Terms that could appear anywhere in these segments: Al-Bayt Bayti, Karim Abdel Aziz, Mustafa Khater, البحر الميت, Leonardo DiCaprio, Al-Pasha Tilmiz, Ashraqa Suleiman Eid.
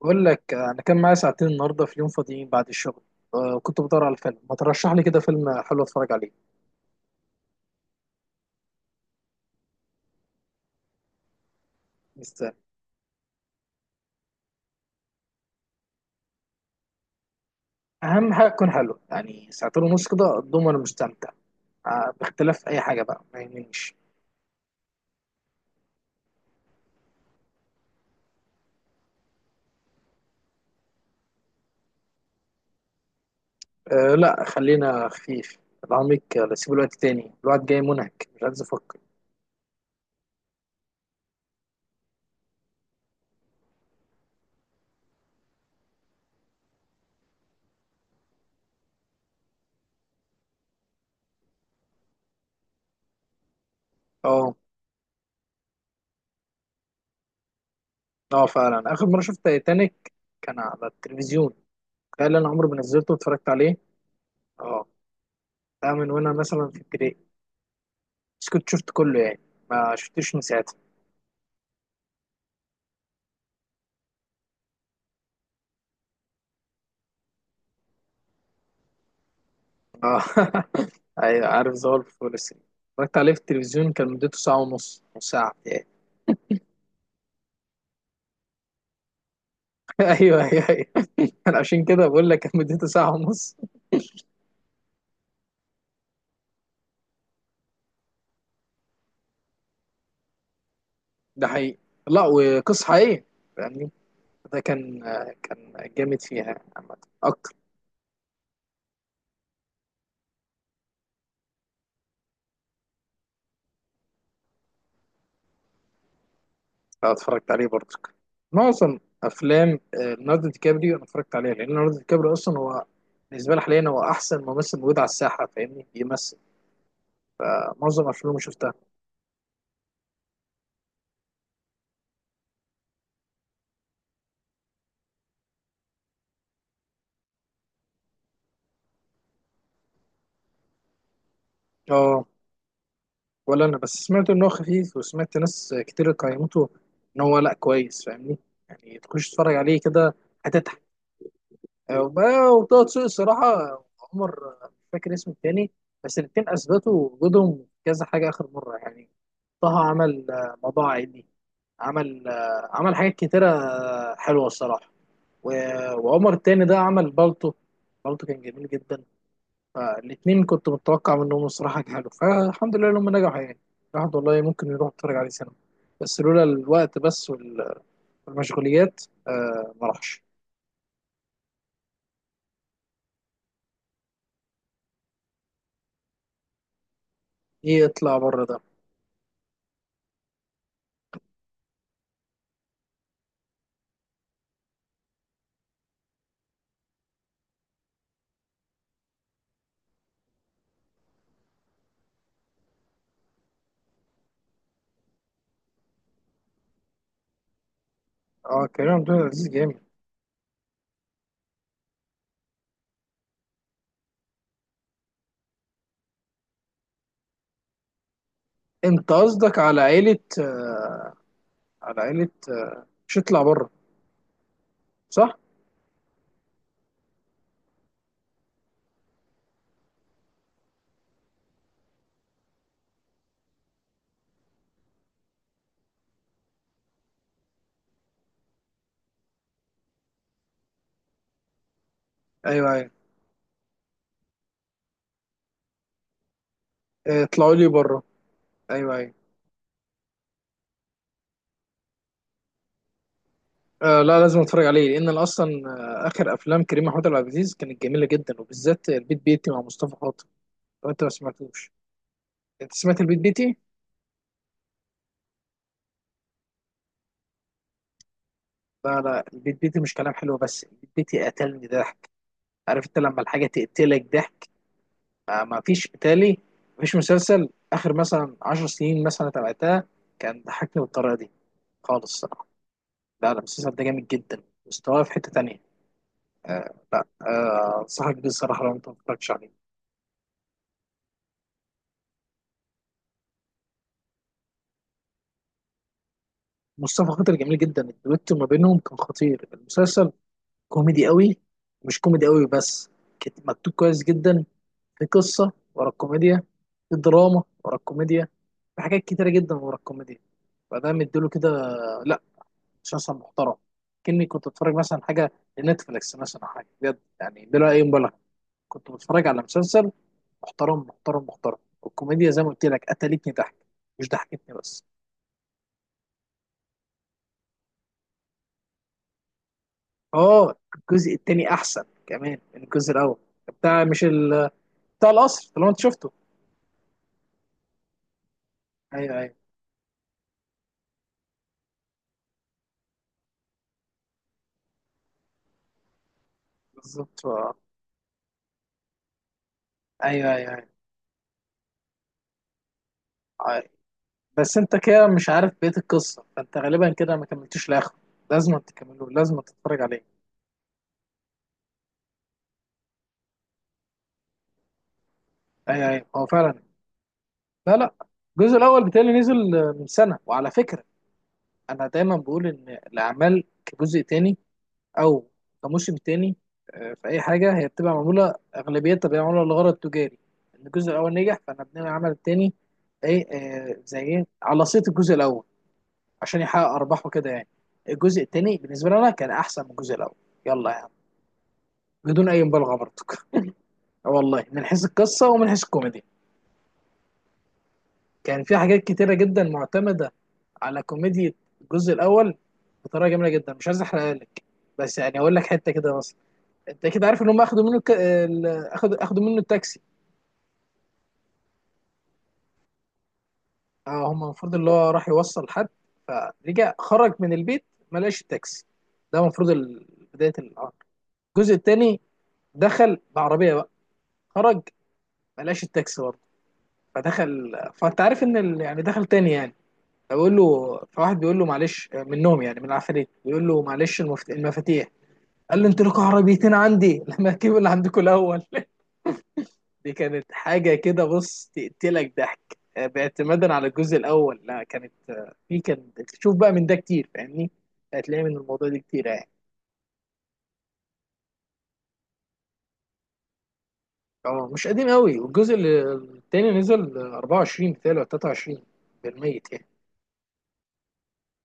بقول لك انا كان معايا ساعتين النهارده في يوم فاضيين بعد الشغل. كنت بدور على فيلم ما ترشح لي كده فيلم حلو اتفرج عليه. مستني اهم حاجه يكون حلو، يعني ساعتين ونص كده اضمن وانا مستمتع. باختلاف اي حاجه بقى ما يهمنيش. أه لا خلينا خفيف. العميق سيب الوقت تاني، الوقت جاي منهك مش عايز افكر. اه. اه فعلا اخر مره شفت تايتانيك كان على التلفزيون. تخيل انا عمري ما نزلته واتفرجت عليه. اه، ده من وانا مثلا في ابتدائي، بس كنت شفت كله يعني، ما شفتوش من ساعتها. اه ايوه عارف ظهر في فول الصين. اتفرجت عليه في التلفزيون كان مدته ساعة ونص، نص ساعة يعني. ايوه ايوه ايوه، أنا عشان كده بقول لك كان مدته ساعة ونص. ده حقيقي، لا وقصة حقيقية فاهمني. ده كان، كان جامد فيها عامة اكتر. لو اتفرجت عليه برضك، معظم افلام ليوناردو دي كابريو انا اتفرجت عليها، لان ليوناردو دي كابريو اصلا هو بالنسبة لي حاليا هو احسن ممثل موجود على الساحة، فاهمني بيمثل. معظم افلامه شفتها. اه، ولا انا بس سمعت ان هو خفيف، وسمعت ناس كتير قيمته ان هو لا كويس، فاهمني، يعني تخش تتفرج عليه كده هتضحك. وطه دسوقي الصراحه. عمر مش فاكر اسمه التاني، بس الاتنين اثبتوا وجودهم في كذا حاجه اخر مره يعني. طه عمل موضوع عائلي، عمل عمل حاجات كتيره حلوه الصراحه. وعمر التاني ده عمل بالطو. بالطو كان جميل جدا. فالاثنين كنت متوقع منهم الصراحه ينجحوا، فالحمد لله لما نجحوا يعني. الواحد والله ممكن يروح يتفرج عليه سينما، بس لولا الوقت بس والمشغوليات آه ما راحش. ايه يطلع بره ده؟ اه كريم عبد العزيز جامد. انت قصدك على عيله آه، على عيله آه مش يطلع بره، صح؟ ايوه ايوه، اطلعوا لي بره. ايوه ايولا، آه لا لازم اتفرج عليه لان أنا اصلا آه اخر افلام كريم محمود عبد العزيز كانت جميله جدا، وبالذات البيت بيتي مع مصطفى خاطر. لو انت ما سمعتوش، انت سمعت البيت بيتي؟ لا لا، البيت بيتي مش كلام حلو بس، البيت بيتي قتلني ضحك. عارف انت لما الحاجة تقتلك ضحك، ما فيش بتالي. ما فيش مسلسل آخر مثلا 10 سنين مثلا تابعتها كان ضحكني بالطريقة دي خالص الصراحة. لا لا، المسلسل ده جامد جدا مستواه في حتة تانية. لا أنصحك بيه الصراحة لو أنت ما اتفرجتش عليه. مصطفى خاطر جميل جدا، الدويتو ما بينهم كان خطير المسلسل. كوميدي قوي، مش كوميدي قوي بس، مكتوب كويس جدا. في قصة ورا الكوميديا، في دراما ورا الكوميديا، في حاجات كتيرة جدا ورا الكوميديا، فده مديله كده. لا، مسلسل محترم، كأني كنت بتفرج مثلا حاجة لنتفليكس مثلا أو حاجة بجد يعني بلا أي مبالغة. كنت بتفرج على مسلسل محترم محترم محترم، والكوميديا زي ما قلت لك قتلتني ضحك، مش ضحكتني بس. اه الجزء التاني أحسن كمان من الجزء الأول. بتاع مش ال... بتاع القصر اللي هو أنت شفته. أيوه أيوه بالظبط آه. أيوه أيوه أيوه. بس انت كده مش عارف بقية القصة، فانت غالبا كده ما كملتوش لاخره. لازم تكمله، لازم تتفرج عليه. اي اي هو فعلا. لا لا، الجزء الاول بتاعي نزل من سنة، وعلى فكرة انا دايما بقول ان الاعمال كجزء تاني او كموسم تاني، في اي حاجة هي بتبقى معمولة اغلبيتها بتبقى معمولة لغرض تجاري. ان الجزء الاول نجح فانا بنعمل العمل التاني. ايه زي ايه على صيت الجزء الاول عشان يحقق ارباحه كده يعني. الجزء التاني بالنسبة لنا كان احسن من الجزء الاول، يلا بدون اي مبالغه برضك. والله من حيث القصه ومن حيث الكوميديا، كان في حاجات كتيره جدا معتمده على كوميديا الجزء الاول بطريقه جميله جدا. مش عايز احرقها لك، بس يعني اقول لك حته كده بس. انت كده عارف ان هم اخدوا منه ك... ال- اخد اخدوا منه التاكسي. اه هم المفروض اللي هو راح يوصل حد، فرجع خرج من البيت ما لقاش التاكسي. ده المفروض بدايه الامر. الجزء الثاني، دخل بعربيه بقى، خرج ما لقاش التاكسي برضه، فدخل، فانت عارف ان يعني دخل تاني يعني. فبقول له، فواحد بيقول له معلش، منهم يعني من العفاريت، بيقول له معلش المفاتيح. قال له انتوا لكم عربيتين عندي، لما اجيب اللي عندكم الاول دي كانت حاجه كده بص تقتلك ضحك باعتمادا على الجزء الاول. لا كانت في، كان تشوف بقى من ده كتير فاهمني، هتلاقي من الموضوع ده كتير يعني. اه مش قديم قوي، والجزء التاني نزل 24 بتاعي ولا 23 بالميت يعني.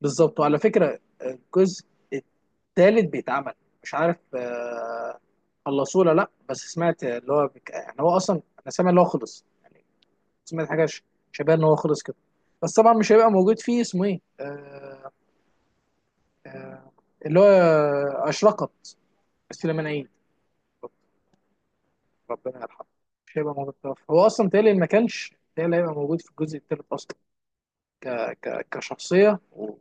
بالظبط. وعلى فكره الجزء تالت بيتعمل، مش عارف خلصوه ولا لا. بس سمعت اللي هو يعني هو اصلا انا سامع اللي هو خلص يعني. سمعت حاجه شبه ان هو خلص كده. بس طبعا مش هيبقى موجود فيه، اسمه ايه آه، آه، اللي هو اشرقت، سليمان عيد، ربنا يرحمه. مش هيبقى موجود ده. هو اصلا تالي ما كانش تالي هيبقى موجود في الجزء التالت اصلا. ك... كشخصيه و...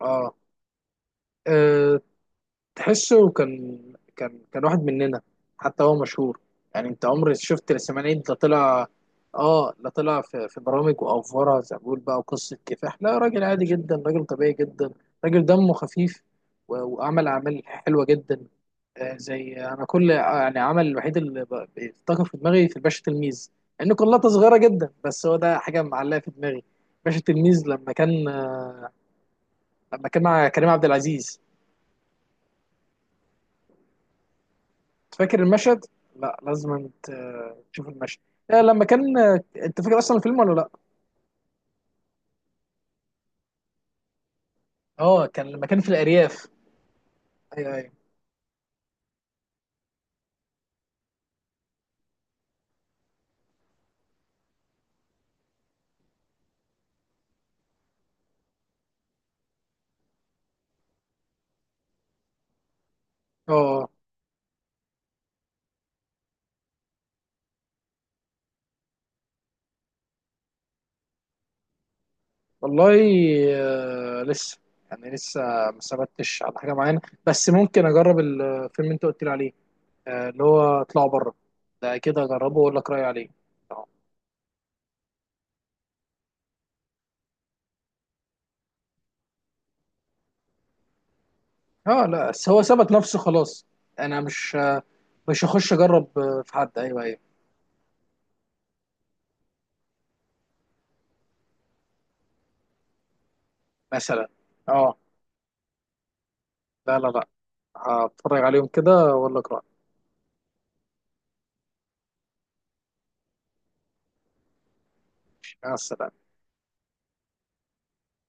اه آه، تحسه كان، كان واحد مننا، حتى هو مشهور يعني. انت عمرك شفت السمانين ده طلع؟ اه لا، طلع في، في برامج وافوره زي ما بقول بقى، وقصه كفاح. لا راجل عادي جدا، راجل طبيعي جدا، راجل دمه خفيف. وعمل اعمال حلوه جدا. آه زي انا كل يعني عمل الوحيد اللي بيفتكر في دماغي، في الباشا تلميذ، لان كلها صغيره جدا بس هو ده حاجه معلقه في دماغي. باشا تلميذ لما كان، لما كان مع كريم عبد العزيز. فاكر المشهد؟ لا لازم تشوف المشهد. لما كان انت فاكر اصلا الفيلم ولا لا؟ اه كان لما كان في الارياف. ايوه ايوه. اه والله لسه، يعني لسه ما ثبتش على حاجه معينه. بس ممكن اجرب الفيلم اللي انت قلت لي عليه، اللي هو اطلعوا بره. ده كده اجربه واقول لك رايي عليه. اه لا بس هو ثبت نفسه خلاص. انا مش، مش هخش اجرب في حد. ايوه ايوه مثلا. اه لا لا لا، هتفرج عليهم كده واقول لك رايي. مع السلامة.